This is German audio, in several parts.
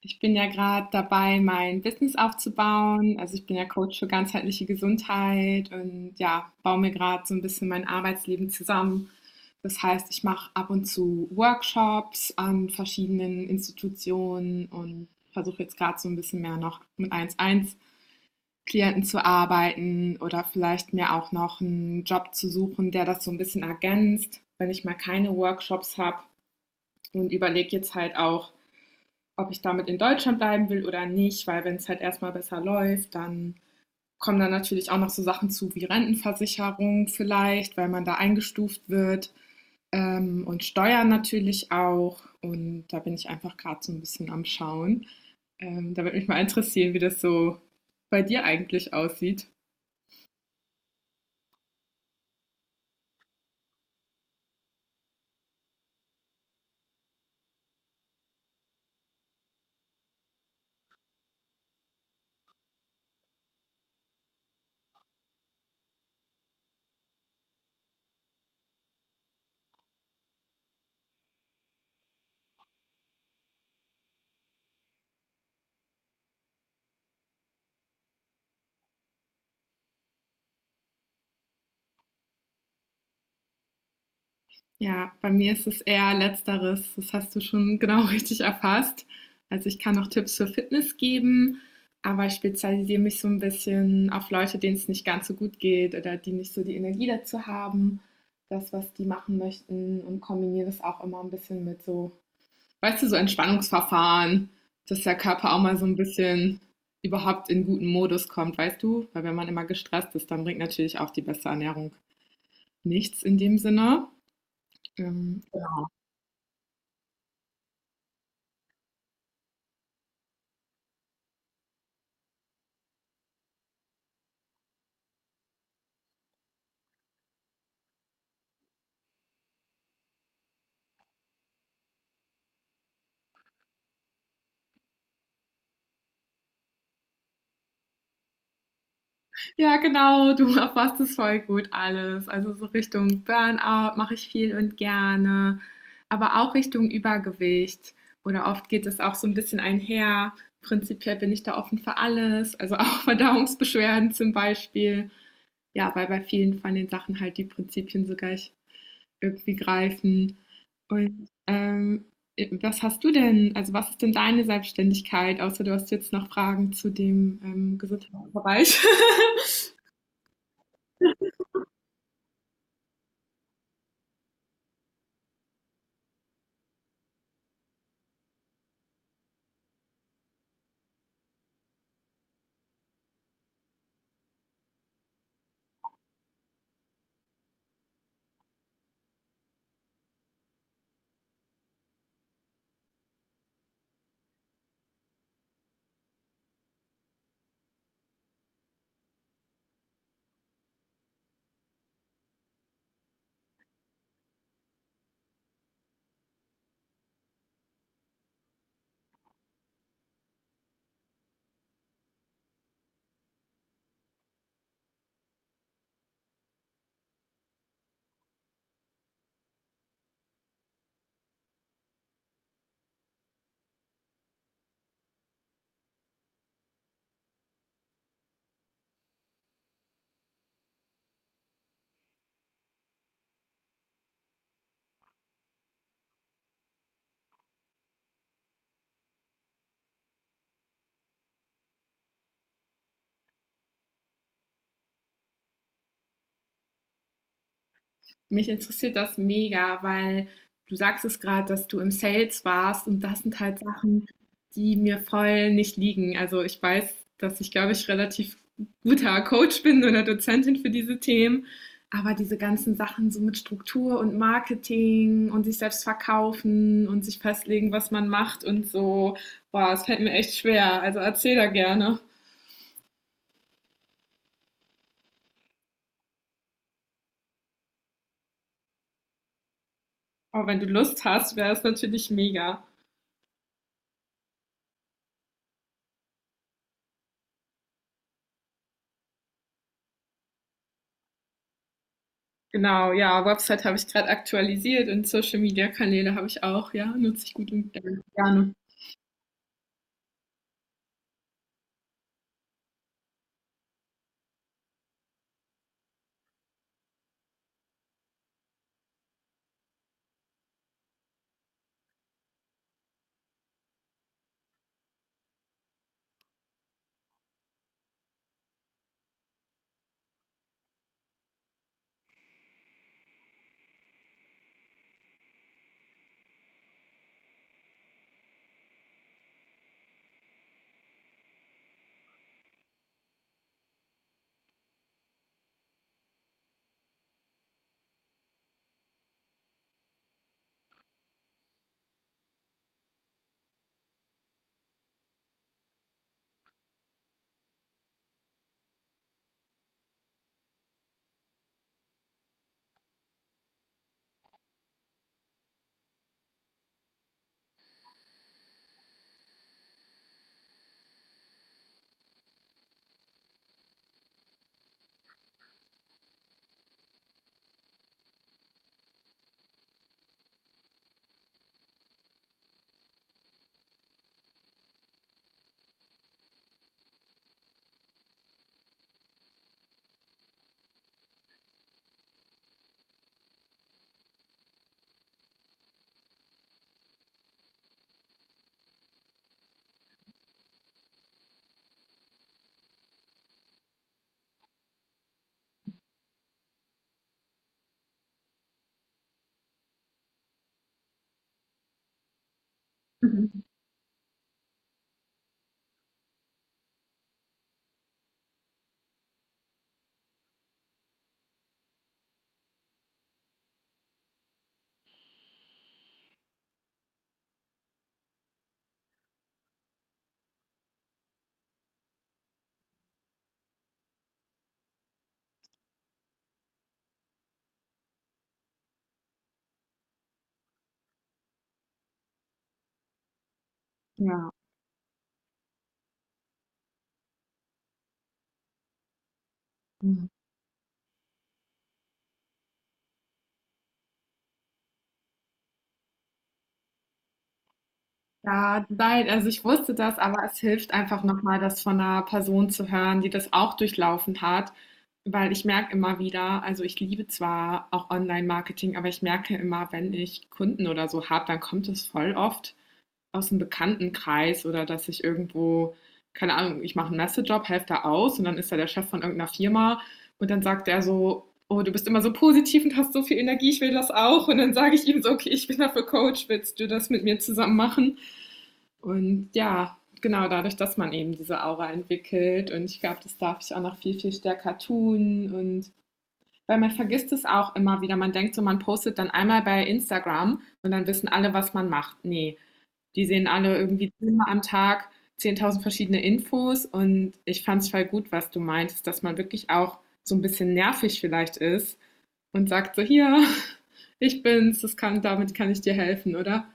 Ich bin ja gerade dabei, mein Business aufzubauen. Also ich bin ja Coach für ganzheitliche Gesundheit und ja, baue mir gerade so ein bisschen mein Arbeitsleben zusammen. Das heißt, ich mache ab und zu Workshops an verschiedenen Institutionen und versuche jetzt gerade so ein bisschen mehr noch mit 1 eins klienten zu arbeiten oder vielleicht mir auch noch einen Job zu suchen, der das so ein bisschen ergänzt, wenn ich mal keine Workshops habe und überlege jetzt halt auch, ob ich damit in Deutschland bleiben will oder nicht, weil wenn es halt erstmal besser läuft, dann kommen dann natürlich auch noch so Sachen zu wie Rentenversicherung vielleicht, weil man da eingestuft wird und Steuern natürlich auch. Und da bin ich einfach gerade so ein bisschen am Schauen. Da würde mich mal interessieren, wie das so bei dir eigentlich aussieht. Ja, bei mir ist es eher letzteres. Das hast du schon genau richtig erfasst. Also ich kann auch Tipps für Fitness geben, aber ich spezialisiere mich so ein bisschen auf Leute, denen es nicht ganz so gut geht oder die nicht so die Energie dazu haben, das, was die machen möchten, und kombiniere das auch immer ein bisschen mit so, weißt du, so Entspannungsverfahren, dass der Körper auch mal so ein bisschen überhaupt in guten Modus kommt, weißt du? Weil wenn man immer gestresst ist, dann bringt natürlich auch die beste Ernährung nichts in dem Sinne. Ähm, Ja, genau, du erfasst es voll gut alles. Also so Richtung Burnout mache ich viel und gerne, aber auch Richtung Übergewicht. Oder oft geht es auch so ein bisschen einher. Prinzipiell bin ich da offen für alles, also auch Verdauungsbeschwerden zum Beispiel. Ja, weil bei vielen von den Sachen halt die Prinzipien so gleich irgendwie greifen. Und was hast du denn, also was ist denn deine Selbstständigkeit, außer du hast jetzt noch Fragen zu dem Gesundheitsbereich? Mich interessiert das mega, weil du sagst es gerade, dass du im Sales warst und das sind halt Sachen, die mir voll nicht liegen. Also, ich weiß, dass ich, glaube ich, relativ guter Coach bin oder Dozentin für diese Themen, aber diese ganzen Sachen so mit Struktur und Marketing und sich selbst verkaufen und sich festlegen, was man macht und so, boah, es fällt mir echt schwer. Also, erzähl da gerne. Aber wenn du Lust hast, wäre es natürlich mega. Genau, ja, Website habe ich gerade aktualisiert und Social Media Kanäle habe ich auch, ja, nutze ich gut und gerne. Mhm. Ja. Mhm. Ja, nein, also ich wusste das, aber es hilft einfach nochmal, das von einer Person zu hören, die das auch durchlaufen hat, weil ich merke immer wieder, also ich liebe zwar auch Online-Marketing, aber ich merke immer, wenn ich Kunden oder so habe, dann kommt es voll oft aus'm Bekanntenkreis oder dass ich irgendwo, keine Ahnung, ich mache 'n Messejob, helfe da aus und dann ist da der Chef von irgendeiner Firma und dann sagt er so: „Oh, du bist immer so positiv und hast so viel Energie, ich will das auch.“ Und dann sage ich ihm so: „Okay, ich bin dafür Coach, willst du das mit mir zusammen machen?“ Und ja, genau, dadurch, dass man eben diese Aura entwickelt, und ich glaube, das darf ich auch noch viel, viel stärker tun, und weil man vergisst es auch immer wieder. Man denkt so, man postet dann einmal bei Instagram und dann wissen alle, was man macht. Nee, die sehen alle irgendwie 10-mal am Tag 10.000 verschiedene Infos, und ich fand es voll gut, was du meintest, dass man wirklich auch so ein bisschen nervig vielleicht ist und sagt so, hier, ich bin's, das kann, damit kann ich dir helfen, oder?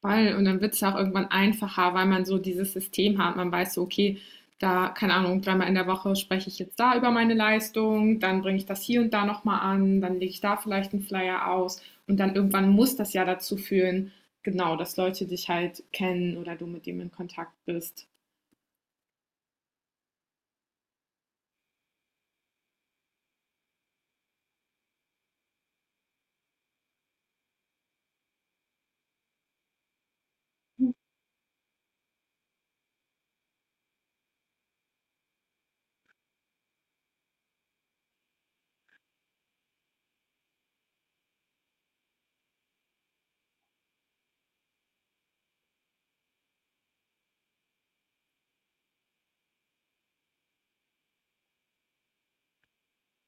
Voll. Und dann wird's ja auch irgendwann einfacher, weil man so dieses System hat. Man weiß so, okay, da, keine Ahnung, 3-mal in der Woche spreche ich jetzt da über meine Leistung, dann bringe ich das hier und da nochmal an, dann lege ich da vielleicht einen Flyer aus, und dann irgendwann muss das ja dazu führen, genau, dass Leute dich halt kennen oder du mit dem in Kontakt bist.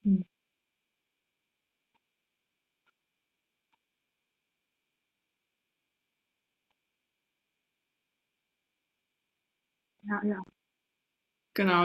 Hm. Ja, ja. Genau.